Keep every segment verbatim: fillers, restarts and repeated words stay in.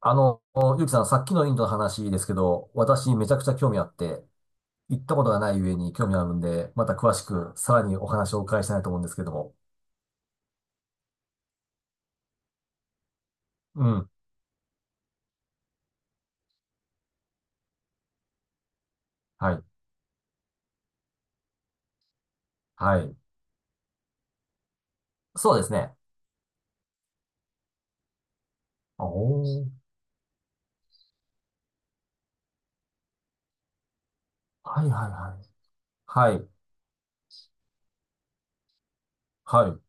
あの、ゆうきさん、さっきのインドの話ですけど、私めちゃくちゃ興味あって、行ったことがない上に興味あるんで、また詳しく、さらにお話をお伺いしたいと思うんですけども。うん。はい。はい。そうですね。おー。はいはいはい。はい。はい。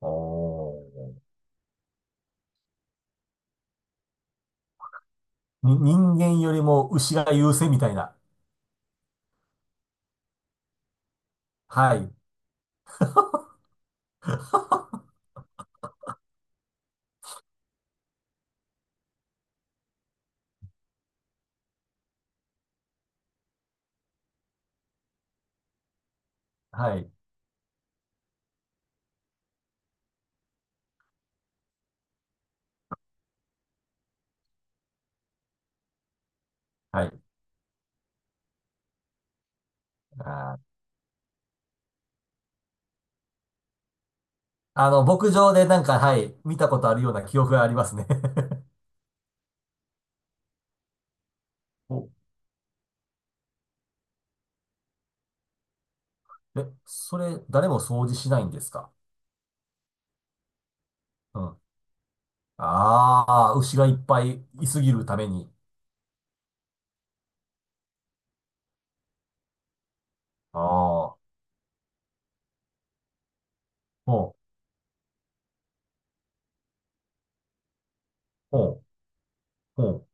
おー。に、人間よりも牛が優勢みたいな。はい。はい。はい。あー、あの、牧場でなんか、はい、見たことあるような記憶がありますね。 お、え、それ、誰も掃除しないんですか？うん。ああ、牛がいっぱいいすぎるために。ああ、ほう、ほう、ほう。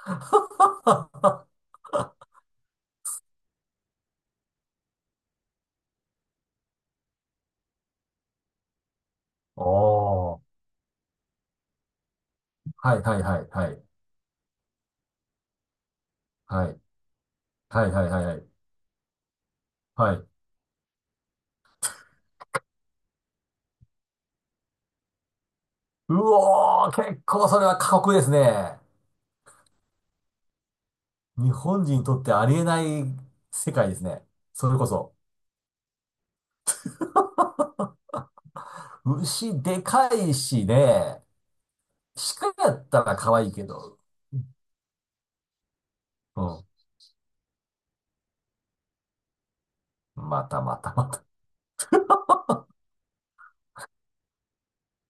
おー、はいはいはいはい。はい。はいはいはいはい。はい。うおー、結構それは過酷ですね。日本人にとってありえない世界ですね。それこそ。牛でかいしね。鹿やったら可愛いけど。うん。またまたまた。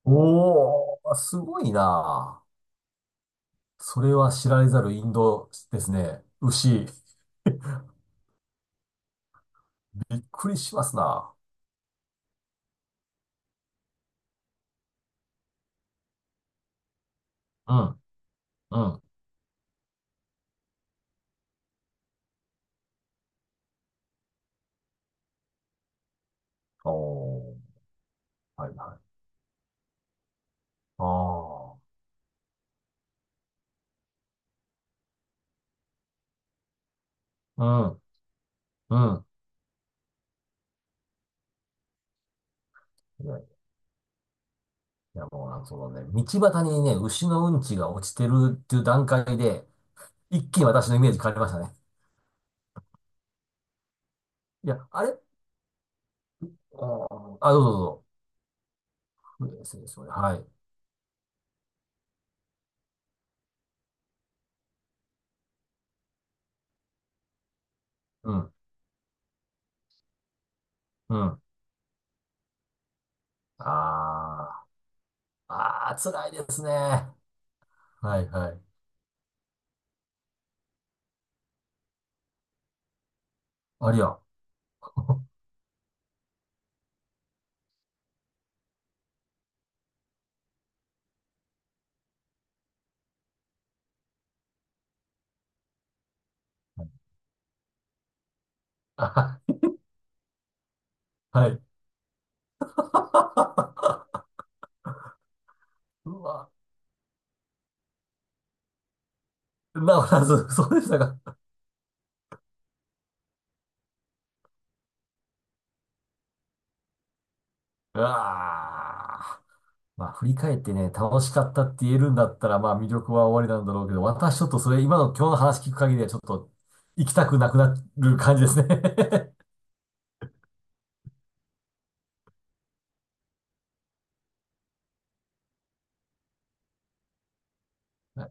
おー、すごいな。それは知られざるインドですね。牛。びっくりしますな。うん、うん。おー、はいはい。ああ、うん、うん。いや、いやもうなんかそのね、道端にね、牛のうんちが落ちてるっていう段階で、一気に私のイメージ変わりましたね。いや、あれおーあ、どうぞどうぞ。そうですね、はい。うん、うん。ああ、ああ、辛いですね。はいはい。ありゃ。あ、はい。うわ、まあ、そうそうでしたか。うわあ。まあ、振り返ってね、楽しかったって言えるんだったら、まあ、魅力は終わりなんだろうけど、私ちょっとそれ、今の今日の話聞く限りは、ちょっと行きたくなくなる感じですね。はい、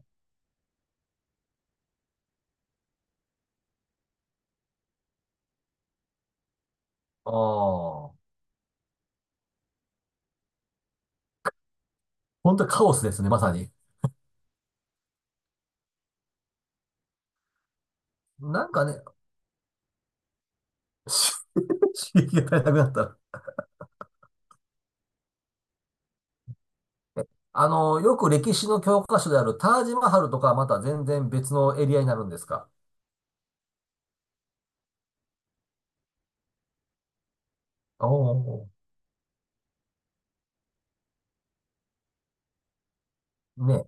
ああ。本当カオスですね、まさに。なんかね、刺激が足りなくなった。あの、よく歴史の教科書であるタージマハルとかはまた全然別のエリアになるんですか？おおー。ね。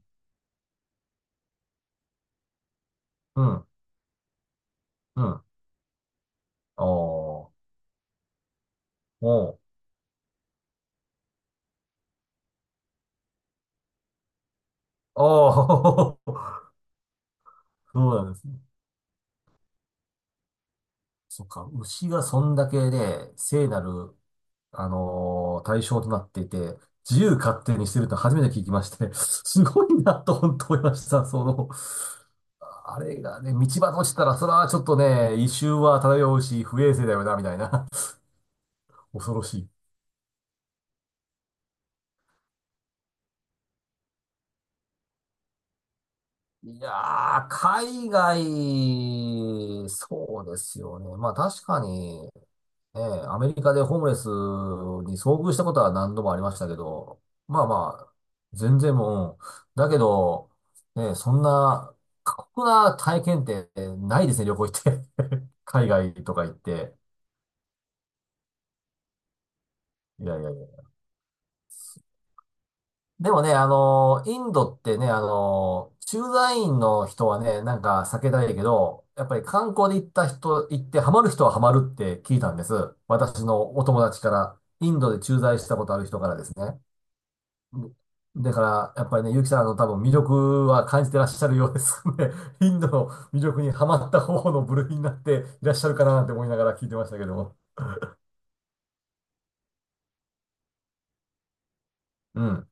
うん。うん。おお。おお。おお。そうなんですね。そっか。牛がそんだけで、聖なる、あのー対象となっていて、自由勝手にしてると初めて聞きまして、すごいなと本当思いました。その、あれがね、道端落ちたら、それはちょっとね、異臭は漂うし、不衛生だよな、みたいな。恐ろしい。いやー、海外、そうですよね。まあ確かに、ええ、アメリカでホームレスに遭遇したことは何度もありましたけど、まあまあ、全然もう、だけど、ねえ、そんな過酷な体験ってないですね、旅行行って。海外とか行って。いやいやいや。でもね、あの、インドってね、あの、駐在員の人はね、なんか避けたいけど、やっぱり観光で行った人、行ってハマる人はハマるって聞いたんです。私のお友達から、インドで駐在したことある人からですね。だから、やっぱりね、ゆうきさん、あの、多分魅力は感じてらっしゃるようですね。インドの魅力にはまった方の部類になっていらっしゃるかなって思いながら聞いてましたけども。うん、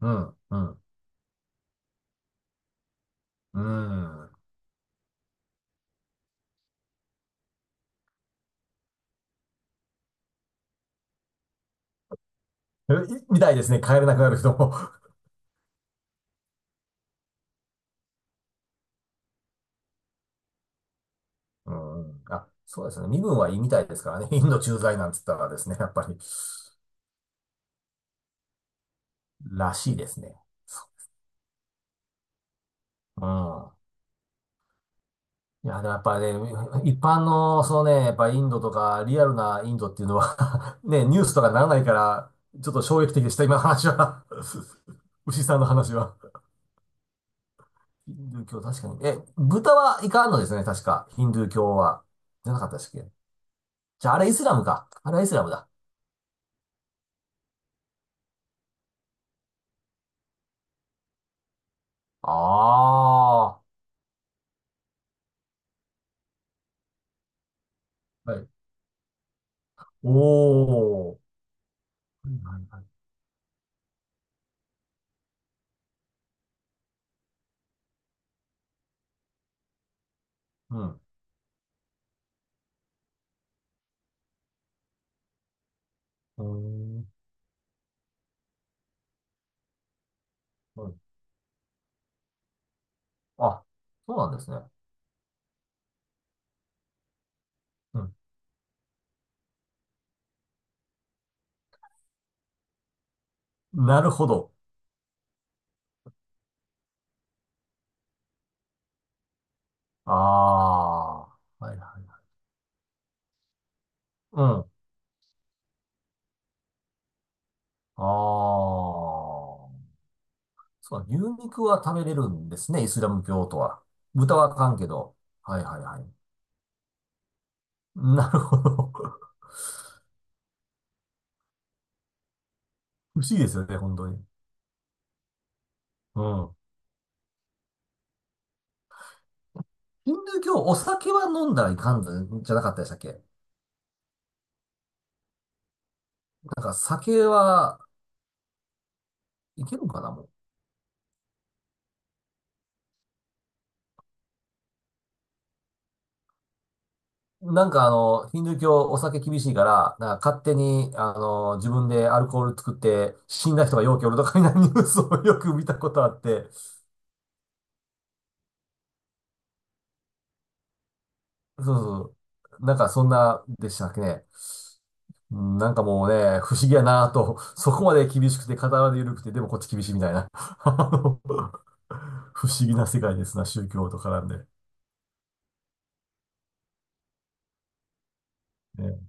うん、うん、うん。えいみたいですね。帰れなくなる人も。うん、あ、そうですね。身分はいいみたいですからね。インド駐在なんつったらですね、やっぱり、らしいですね。うん。いや、でもやっぱりね、一般の、そのね、やっぱインドとか、リアルなインドっていうのは ね、ニュースとかならないから、ちょっと衝撃的でした、今の話は。 牛さんの話は。ヒンドゥー教、確かに。え、豚はいかんのですね、確か。ヒンドゥー教は。じゃなかったでしたっけ？じゃあ、あれイスラムか。あれはイスラムだ。ああ。はい。おー。はいはいはい、うん。うーん。はい、あ、そうなんですね。うん。なるほど。ああ。はいはい。うん。ああ。そう牛肉は食べれるんですね、イスラム教徒は。豚はあかんけど。はいはいはい。なるほど。不思議ですよね、本当に。うん。ヒンドゥー教、お酒は飲んだらいかんのじゃなかったでしたっけ？なんか酒はいけるのかな、もう。なんかあの、ヒンドゥー教お酒厳しいから、なんか勝手に、あの、自分でアルコール作って死んだ人が容器おるとかになニュースをよく見たことあって、そうそう。なんかそんなでしたっけね。うん、なんかもうね、不思議やなぁと、そこまで厳しくて、片まで緩くて、でもこっち厳しいみたいな。あの不思議な世界ですな、宗教と絡んで。ね